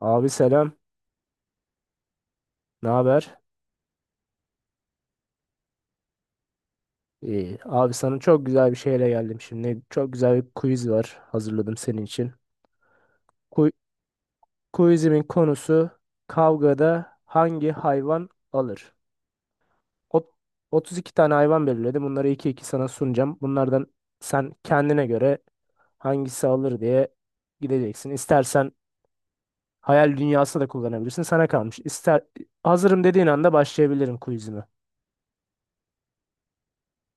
Abi selam. Ne haber? İyi. Abi sana çok güzel bir şeyle geldim şimdi. Çok güzel bir quiz var. Hazırladım senin için. Ku- Quizimin konusu kavgada hangi hayvan alır? Ot- 32 tane hayvan belirledim. Bunları iki iki sana sunacağım. Bunlardan sen kendine göre hangisi alır diye gideceksin. İstersen hayal dünyası da kullanabilirsin. Sana kalmış. İster hazırım dediğin anda başlayabilirim quizime.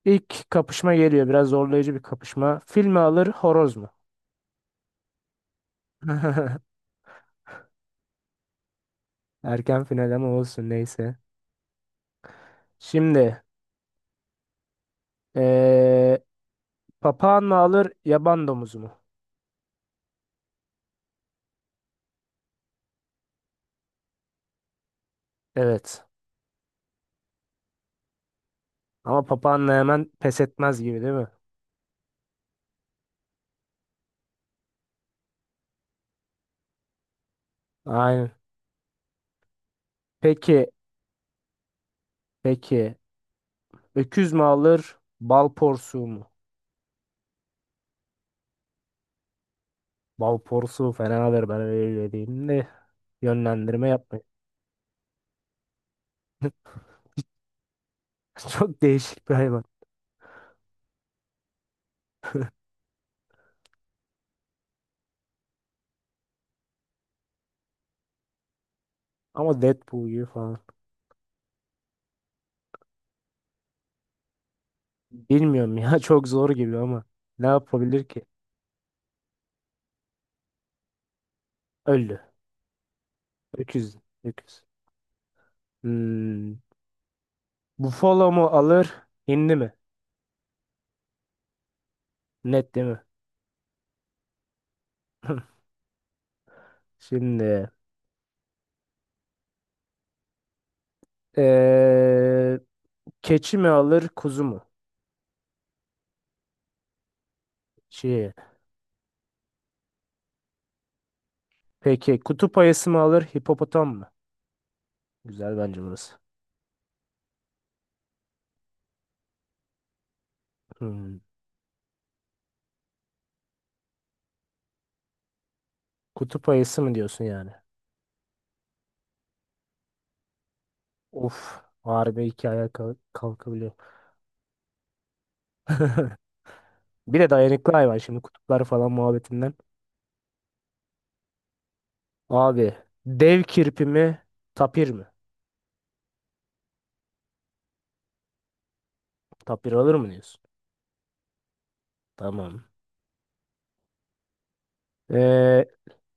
İlk kapışma geliyor. Biraz zorlayıcı bir kapışma. Fil mi alır, horoz mu? Erken final ama olsun neyse. Şimdi eee papağan mı alır, yaban domuzu mu? Evet. Ama papağanla hemen pes etmez gibi değil mi? Aynen. Peki, peki. Öküz mü alır, bal porsuğu mu? Bal porsuğu fena alır ben öyle diyeyim de yönlendirme yapmayın. Çok değişik bir hayvan. Ama Deadpool gibi falan. Bilmiyorum ya çok zor gibi ama ne yapabilir ki? Öldü. Öküz. Öküz. Hmm. Buffalo mu alır? Hindi mi? Net değil mi? Şimdi. Ee, keçi mi alır? Kuzu mu? Şey. Peki kutup ayısı mı alır? Hipopotam mı? Güzel bence burası. Hmm. Kutup ayısı mı diyorsun yani? Of. Harbi iki ayağa kalkabiliyor. Bir de dayanıklı hayvan şimdi kutuplar falan muhabbetinden. Abi dev kirpi mi tapir mi? Tapir alır mı diyorsun? Tamam.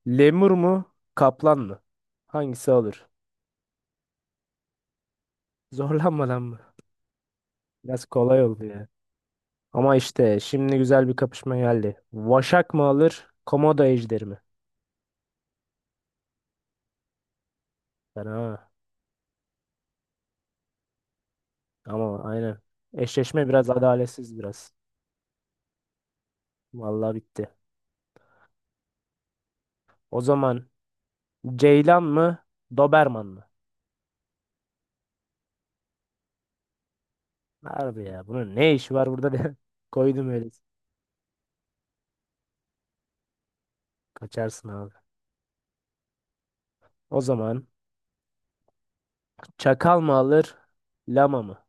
Lemur mu? Kaplan mı? Hangisi olur? Zorlanmadan mı? Biraz kolay oldu ya. Ama işte şimdi güzel bir kapışma geldi. Vaşak mı alır? Komodo ejderi mi? Fena. Ama aynen. Eşleşme biraz adaletsiz biraz. Vallahi bitti. O zaman Ceylan mı? Doberman mı? Harbi ya. Bunun ne işi var burada de koydum öyle. Kaçarsın abi. O zaman çakal mı alır? Lama mı?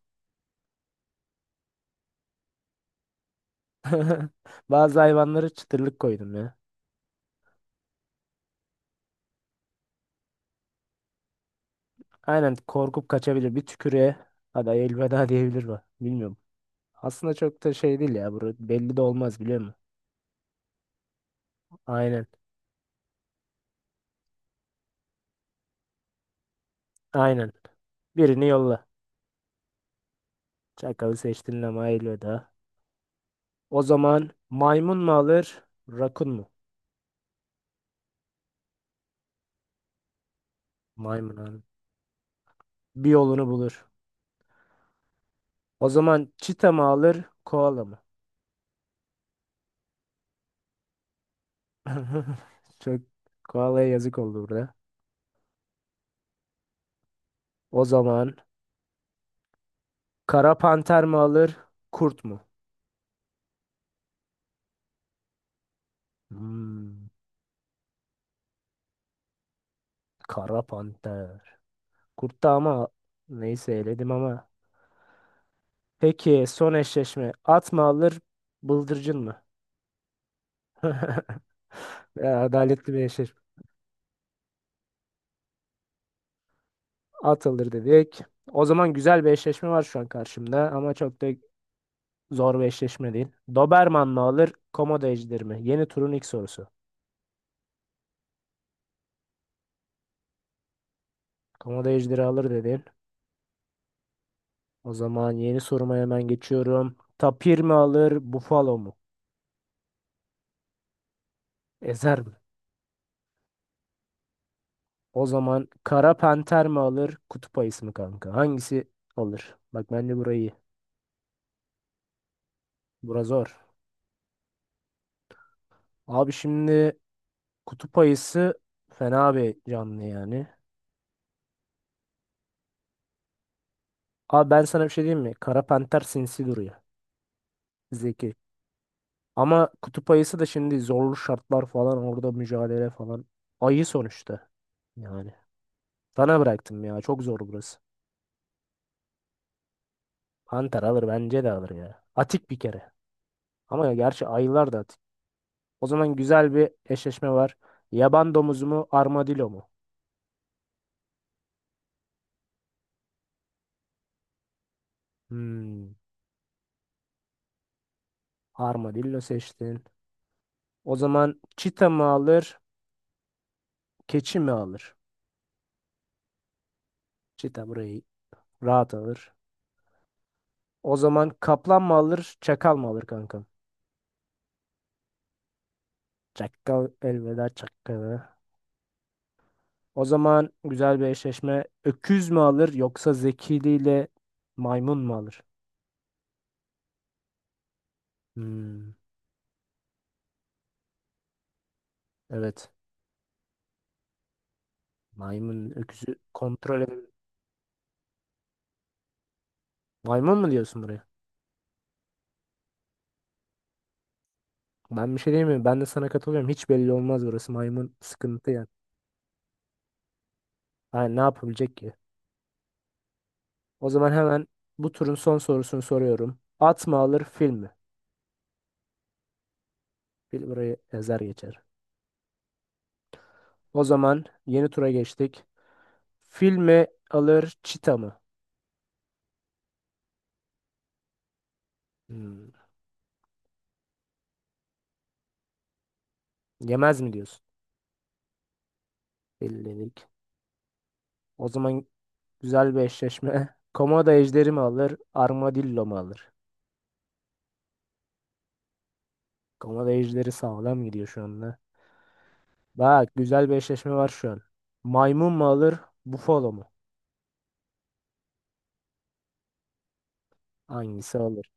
Bazı hayvanları çıtırlık koydum ya. Aynen korkup kaçabilir. Bir tükürüğe hadi elveda diyebilir mi? Bilmiyorum. Aslında çok da şey değil ya. Burada belli de olmaz biliyor musun? Aynen. Aynen. Birini yolla. Çakalı seçtin ama elveda. O zaman maymun mu alır? Rakun mu? Maymun alır. Bir yolunu bulur. O zaman çita mı alır? Koala mı? Çok koalaya yazık oldu burada. O zaman kara panter mi alır? Kurt mu? Hmm, kara panter. Kurtta ama neyse eledim ama. Peki son eşleşme. At mı alır, bıldırcın mı? Ya, adaletli bir eşleşme. At alır dedik. O zaman güzel bir eşleşme var şu an karşımda ama çok da zor bir eşleşme değil. Doberman mı alır, Komodo ejderi mi? Yeni turun ilk sorusu. Komodo ejderi alır dedin. O zaman yeni soruma hemen geçiyorum. Tapir mi alır, Buffalo mu? Ezer mi? O zaman Kara Panter mi alır, Kutup Ayısı mı kanka? Hangisi alır? Bak bence burayı bura zor. Abi şimdi kutup ayısı fena bir canlı yani. Abi ben sana bir şey diyeyim mi? Kara panter sinsi duruyor. Zeki. Ama kutup ayısı da şimdi zorlu şartlar falan orada mücadele falan. Ayı sonuçta. Yani. Sana bıraktım ya. Çok zor burası. Panter alır bence de alır ya. Atik bir kere. Ama ya gerçi ayılar da atik. O zaman güzel bir eşleşme var. Yaban domuzu mu armadillo mu? Hmm. Armadillo seçtin. O zaman çita mı alır? Keçi mi alır? Çita burayı rahat alır. O zaman kaplan mı alır? Çakal mı alır kankam? Çakal elveda çakala. O zaman güzel bir eşleşme. Öküz mü alır yoksa zekiliyle maymun mu alır? Hmm, evet. Maymun öküzü kontrol eder. Maymun mu diyorsun buraya? Ben bir şey diyemiyorum. Ben de sana katılıyorum. Hiç belli olmaz burası. Maymun sıkıntı yani. Yani ne yapabilecek ki? O zaman hemen bu turun son sorusunu soruyorum. At mı alır fil mi? Fil burayı ezer geçer. O zaman yeni tura geçtik. Fil mi alır, çita mı? Hmm, yemez mi diyorsun? Fil dedik. O zaman güzel bir eşleşme. Komodo ejderi mi alır, armadillo mu alır? Komodo ejderi sağlam gidiyor şu anda. Bak güzel bir eşleşme var şu an. Maymun mu alır, bufalo mu? Hangisi alır?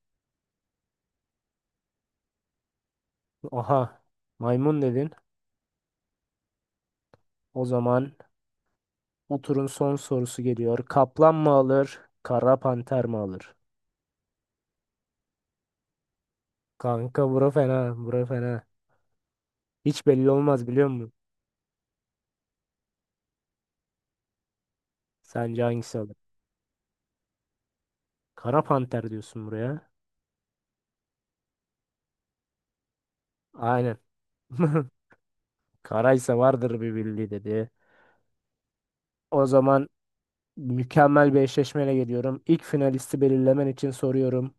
Aha, maymun dedin. O zaman bu turun son sorusu geliyor. Kaplan mı alır, kara panter mi alır? Kanka bura fena, bura fena. Hiç belli olmaz biliyor musun? Sence hangisi alır? Kara panter diyorsun buraya. Aynen. Karaysa vardır bir bildiği dedi. O zaman mükemmel bir eşleşmeyle geliyorum. İlk finalisti belirlemen için soruyorum.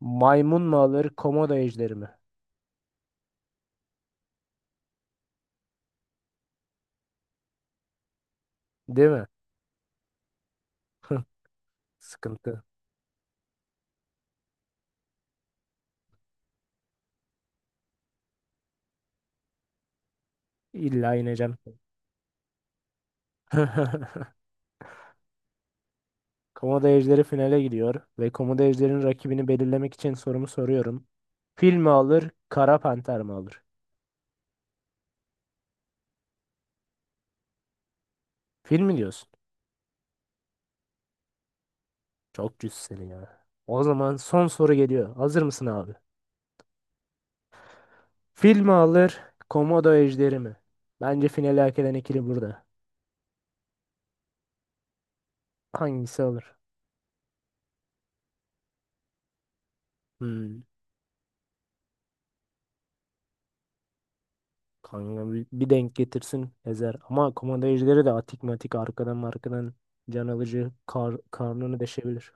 Maymun mu alır, komodo ejderi mi? Değil mi? Sıkıntı. İlla ineceğim. Komodo ejderi finale gidiyor ve komodo ejderinin rakibini belirlemek için sorumu soruyorum. Fil mi alır, kara panter mi alır? Fil mi diyorsun? Çok cüz seni ya. O zaman son soru geliyor. Hazır mısın abi? Fil mi alır, komodo ejderi mi? Bence finali hak eden ikili burada. Hangisi alır? Hmm. Kanka bir denk getirsin ezer. Ama komodo ejderi de atik matik arkadan markadan can alıcı karnını deşebilir.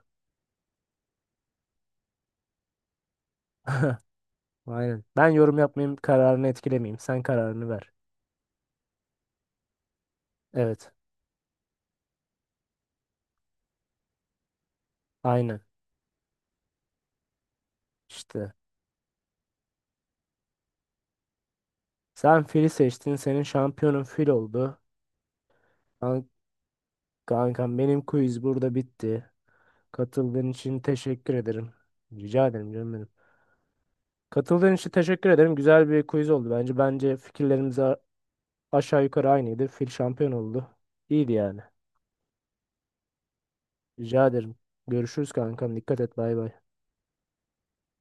Aynen. Ben yorum yapmayayım, kararını etkilemeyeyim. Sen kararını ver. Evet. Aynen. İşte. Sen fili seçtin, senin şampiyonun fil oldu. Kan- Kankam benim quiz burada bitti. Katıldığın için teşekkür ederim. Rica ederim canım benim. Katıldığın için teşekkür ederim. Güzel bir quiz oldu bence. Bence fikirlerimiz aşağı yukarı aynıydı. Fil şampiyon oldu. İyiydi yani. Rica ederim. Görüşürüz kankam. Dikkat et. Bay bay.